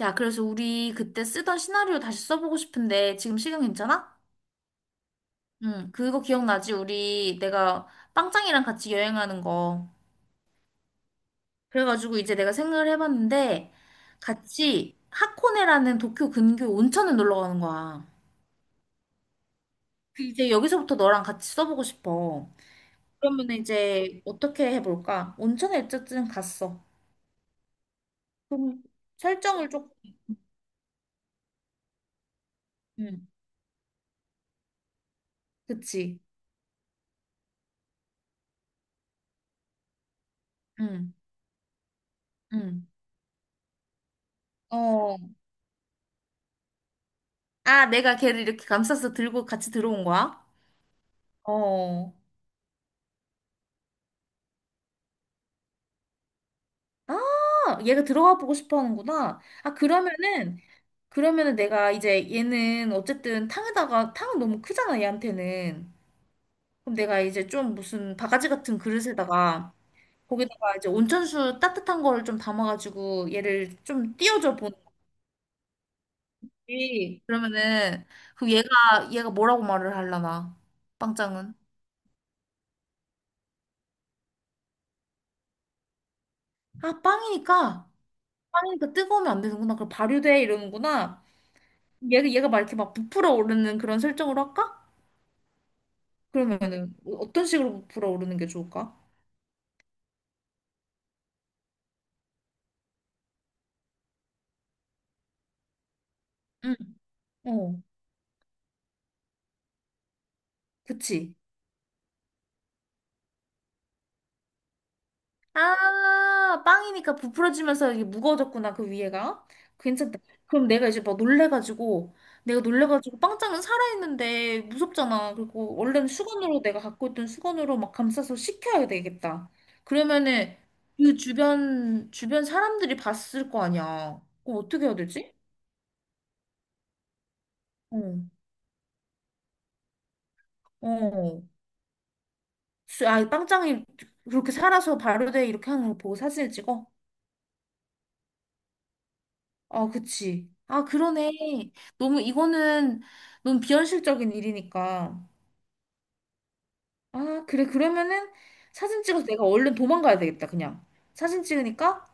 야, 그래서 우리 그때 쓰던 시나리오 다시 써보고 싶은데 지금 시간 괜찮아? 응, 그거 기억나지? 우리 내가 빵짱이랑 같이 여행하는 거. 그래가지고 이제 내가 생각을 해봤는데 같이 하코네라는 도쿄 근교 온천을 놀러 가는 거야. 그 이제 여기서부터 너랑 같이 써보고 싶어. 그러면 이제 어떻게 해볼까? 온천에 어쨌든 갔어. 그럼 설정을 좀. 응, 그치. 응, 응. 어. 아, 내가 걔를 이렇게 감싸서 들고 같이 들어온 거야? 어. 아, 얘가 들어가 보고 싶어 하는구나. 아, 그러면은, 그러면은 내가 이제 얘는 어쨌든 탕에다가, 탕은 너무 크잖아, 얘한테는. 그럼 내가 이제 좀 무슨 바가지 같은 그릇에다가, 거기다가 이제 온천수 따뜻한 거를 좀 담아가지고 얘를 좀 띄워줘 보는지. 그러면은, 그 얘가, 얘가 뭐라고 말을 하려나, 빵짱은. 아, 빵이니까, 빵이니까 뜨거우면 안 되는구나. 그럼 발효돼, 이러는구나. 얘가, 얘가 막 이렇게 막 부풀어 오르는 그런 설정으로 할까? 그러면은 떤 식으로 불어오르는 게 좋을까? 응. 어, 그치. 아, 빵이니까 부풀어지면서 이게 무거워졌구나, 그 위에가. 괜찮다. 그럼 내가 이제 막 놀래가지고, 내가 놀래가지고 빵장은 살아있는데 무섭잖아. 그리고 원래는 수건으로 내가 갖고 있던 수건으로 막 감싸서 식혀야 되겠다. 그러면은 그 주변 사람들이 봤을 거 아니야. 그럼 어떻게 해야 되지? 어, 어. 아, 빵짱이 그렇게 살아서 발효돼 이렇게 하는 걸 보고 사진을 찍어? 아, 그치. 아, 그러네. 너무 이거는 너무 비현실적인 일이니까. 아, 그래. 그러면은 사진 찍어서 내가 얼른 도망가야 되겠다, 그냥. 사진 찍으니까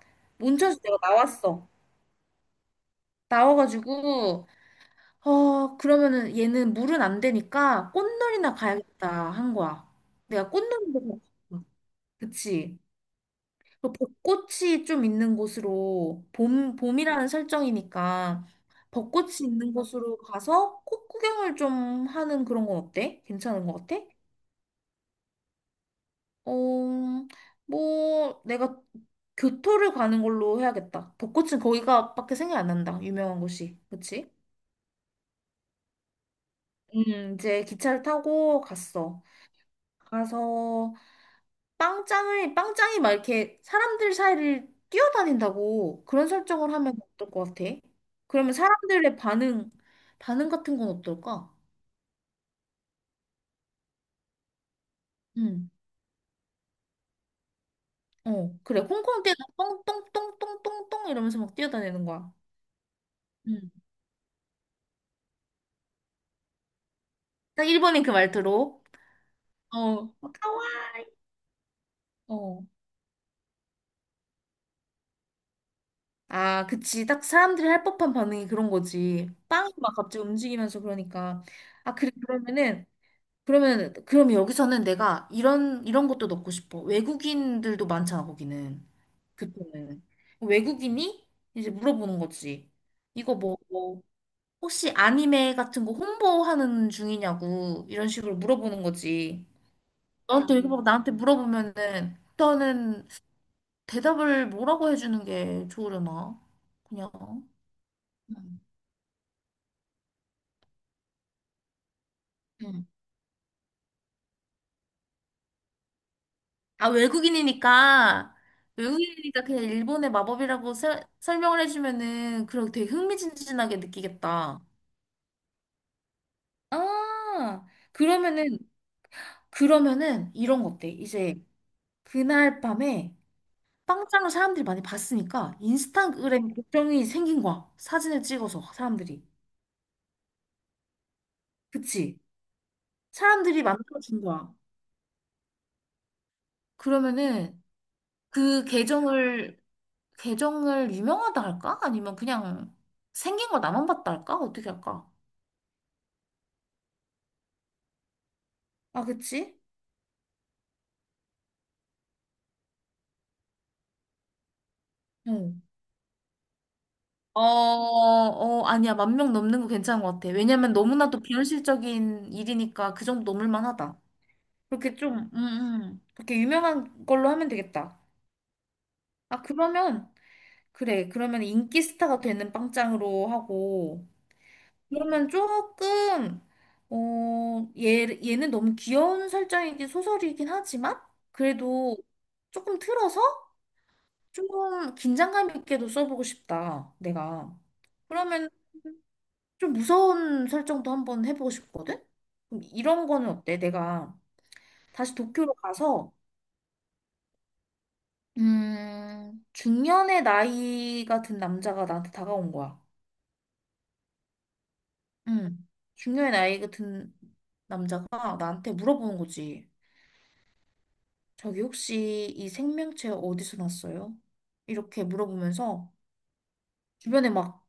온천수 내가 나왔어. 나와가지고, 어, 그러면은 얘는 물은 안 되니까 꽃놀이나 가야겠다 한 거야. 내가 꽃놀이도 가고 싶어. 그치. 그 벚꽃이 좀 있는 곳으로 봄 봄이라는 설정이니까 벚꽃이 있는 곳으로 가서 꽃 구경을 좀 하는 그런 건 어때? 괜찮은 것 같아? 어, 뭐 내가 교토를 가는 걸로 해야겠다. 벚꽃은 거기가밖에 생각이 안 난다. 유명한 곳이. 그치? 이제 기차를 타고 갔어. 가서 빵짱이 막 이렇게 사람들 사이를 뛰어다닌다고 그런 설정을 하면 어떨 것 같아? 그러면 사람들의 반응 같은 건 어떨까? 응, 어, 그래. 홍콩 때는 똥똥똥똥똥똥 이러면서 막 뛰어다니는 거야. 응. 딱 일본인 그 말투로. 어, 막 카와. 어. 아, 그치. 딱 사람들이 할 법한 반응이 그런 거지. 빵이 막 갑자기 움직이면서 그러니까. 아, 그래. 그러면은 그럼 여기서는 내가 이런 것도 넣고 싶어. 외국인들도 많잖아, 거기는. 그때는 외국인이 이제 물어보는 거지. 이거 뭐, 혹시 아니메 같은 거 홍보하는 중이냐고, 이런 식으로 물어보는 거지. 너한테 이렇게 막 나한테 물어보면은, 일단은 대답을 뭐라고 해주는 게 좋으려나? 그냥. 응. 아, 외국인이니까, 외국인이니까 그냥 일본의 마법이라고 설명을 해주면은, 그럼 되게 흥미진진하게 느끼겠다. 아, 그러면은, 그러면은, 이런 거 어때? 이제, 그날 밤에 빵장을 사람들이 많이 봤으니까, 인스타그램 계정이 생긴 거야. 사진을 찍어서, 사람들이. 그치? 사람들이 만들어준 거야. 그러면은, 그 계정을 유명하다 할까? 아니면 그냥 생긴 거 나만 봤다 할까? 어떻게 할까? 아, 그치? 어. 아니야. 만 명 넘는 거 괜찮은 것 같아. 왜냐면 너무나도 비현실적인 일이니까 그 정도 넘을 만하다. 그렇게 좀, 그렇게 유명한 걸로 하면 되겠다. 아, 그러면, 그래. 그러면 인기 스타가 되는 빵짱으로 하고, 그러면 조금, 어, 얘는 너무 귀여운 설정이긴 소설이긴 하지만, 그래도 조금 틀어서 조금 긴장감 있게도 써보고 싶다. 내가. 그러면 좀 무서운 설정도 한번 해보고 싶거든? 그럼 이런 거는 어때? 내가 다시 도쿄로 가서, 중년의 나이가 든 남자가 나한테 다가온 거야. 응. 중년의 나이가 든 남자가 나한테 물어보는 거지. 저기 혹시 이 생명체 어디서 났어요? 이렇게 물어보면서 주변에 막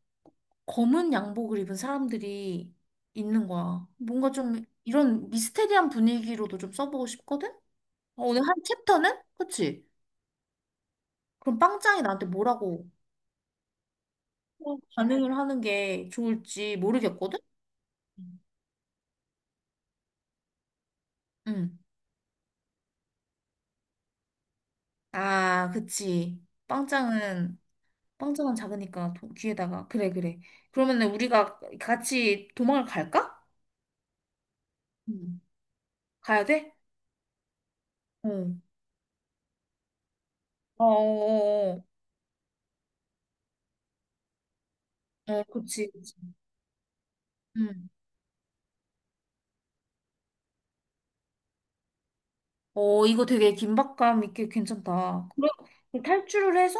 검은 양복을 입은 사람들이 있는 거야. 뭔가 좀 이런 미스테리한 분위기로도 좀 써보고 싶거든? 어, 오늘 한 챕터는? 그치? 그럼 빵짱이 나한테 뭐라고 반응을 하는 게 좋을지 모르겠거든? 응. 아, 그치. 빵짱은, 빵짱은 작으니까 귀에다가. 그래, 그래. 그러면은 우리가 같이 도망을 갈까? 응. 가야 돼? 어. 어, 어, 어, 어, 그치, 그치. 응. 어, 이거 되게 긴박감 있게 괜찮다. 그럼 탈출을 해서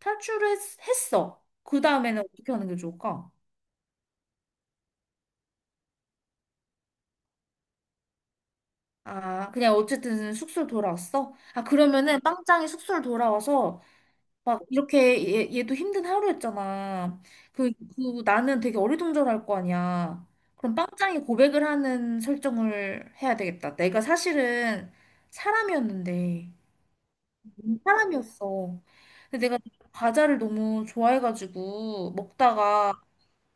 탈출을 했, 했어. 그 다음에는 어떻게 하는 게 좋을까? 아, 그냥 어쨌든 숙소로 돌아왔어? 아, 응. 그러면은 빵짱이 숙소로 돌아와서 막 이렇게 얘도 힘든 하루였잖아. 그 나는 되게 어리둥절할 거 아니야. 그럼 빵짱이 고백을 하는 설정을 해야 되겠다. 내가 사실은 사람이었는데, 사람이었어. 근데 내가 과자를 너무 좋아해가지고 먹다가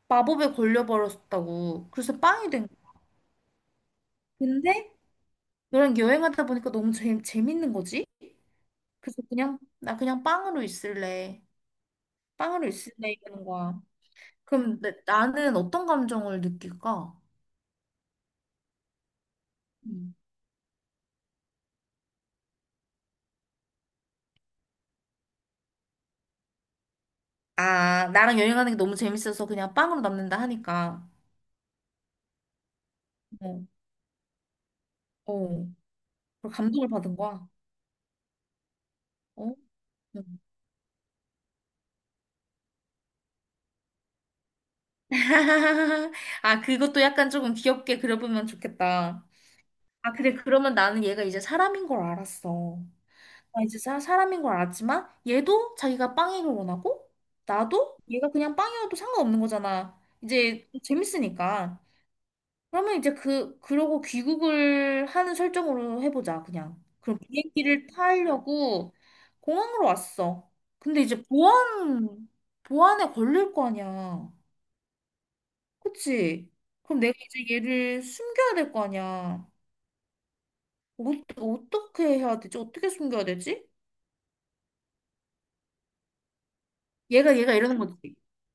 마법에 걸려버렸다고. 그래서 빵이 된 거야. 근데 너랑 여행하다 보니까 너무 재밌는 거지? 그래서 그냥 나 그냥 빵으로 있을래. 빵으로 있을래 이러는 거야. 그럼 나는 어떤 감정을 느낄까? 음. 아, 나랑 여행하는 게 너무 재밌어서 그냥 빵으로 남는다 하니까. 어, 어. 그리고 감동을 받은 거야. 어? 음. 아, 그것도 약간 조금 귀엽게 그려보면 좋겠다. 아, 그래. 그러면 나는 얘가 이제 사람인 걸 알았어. 아, 이제 사람인 걸 알았지만 얘도 자기가 빵이길 원하고 나도 얘가 그냥 빵이어도 상관없는 거잖아. 이제 재밌으니까. 그러면 이제 그러고 귀국을 하는 설정으로 해보자 그냥. 그럼 비행기를 타려고 공항으로 왔어. 근데 이제 보안에 걸릴 거 아니야. 그치? 그럼 내가 이제 얘를 숨겨야 될 거 아니야. 어, 어떻게 해야 되지? 어떻게 숨겨야 되지? 얘가 이러는 거지.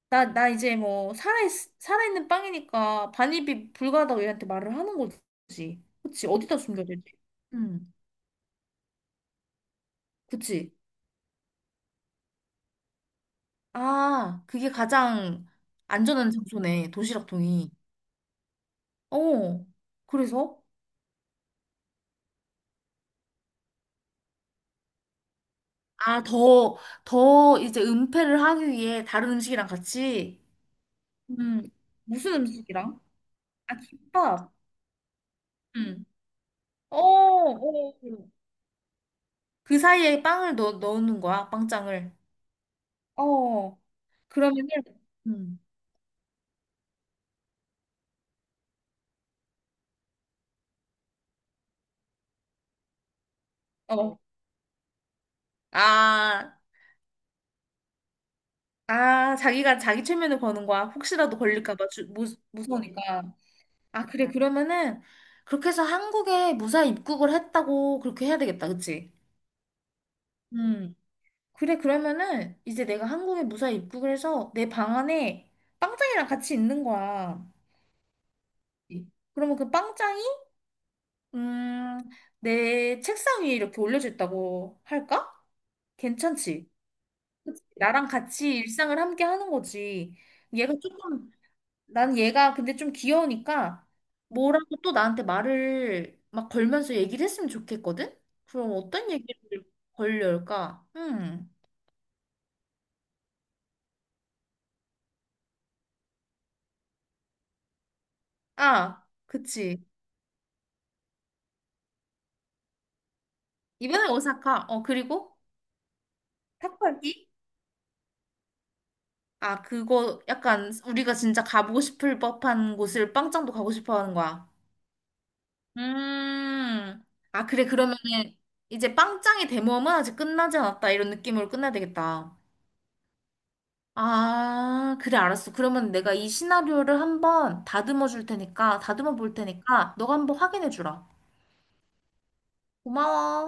나 이제 뭐 살아있는 빵이니까 반입이 불가하다고 얘한테 말을 하는 거지. 그치? 어디다 숨겨야 되지? 응, 그치? 아, 그게 가장 안전한 장소네. 도시락통이. 어, 그래서? 아, 더 이제 은폐를 하기 위해 다른 음식이랑 같이? 음, 무슨 음식이랑? 아, 김밥. 응. 어, 어. 그 사이에 빵을 넣는 거야, 빵장을. 어. 그러면은 음. 어. 아, 자기가 자기 최면을 거는 거야. 혹시라도 걸릴까 봐 무서우니까. 아, 그래. 그러면은 그렇게 해서 한국에 무사히 입국을 했다고 그렇게 해야 되겠다. 그치? 음. 그래. 그러면은 이제 내가 한국에 무사히 입국을 해서 내 방 안에 빵짱이랑 같이 있는 거야. 그러면 그 빵짱이 음, 내 책상 위에 이렇게 올려져 있다고 할까? 괜찮지? 나랑 같이 일상을 함께 하는 거지. 얘가 조금, 난 얘가 근데 좀 귀여우니까 뭐라고 또 나한테 말을 막 걸면서 얘기를 했으면 좋겠거든? 그럼 어떤 얘기를 걸릴까? 음. 아, 그치. 이번에 오사카. 어, 그리고 탁발기? 아, 그거 약간 우리가 진짜 가보고 싶을 법한 곳을 빵짱도 가고 싶어 하는 거야. 음. 아, 그래. 그러면은 이제 빵짱의 대모험은 아직 끝나지 않았다. 이런 느낌으로 끝내야 되겠다. 아, 그래, 알았어. 그러면 내가 이 시나리오를 한번 다듬어 줄 테니까, 다듬어 볼 테니까, 너가 한번 확인해 주라. 고마워.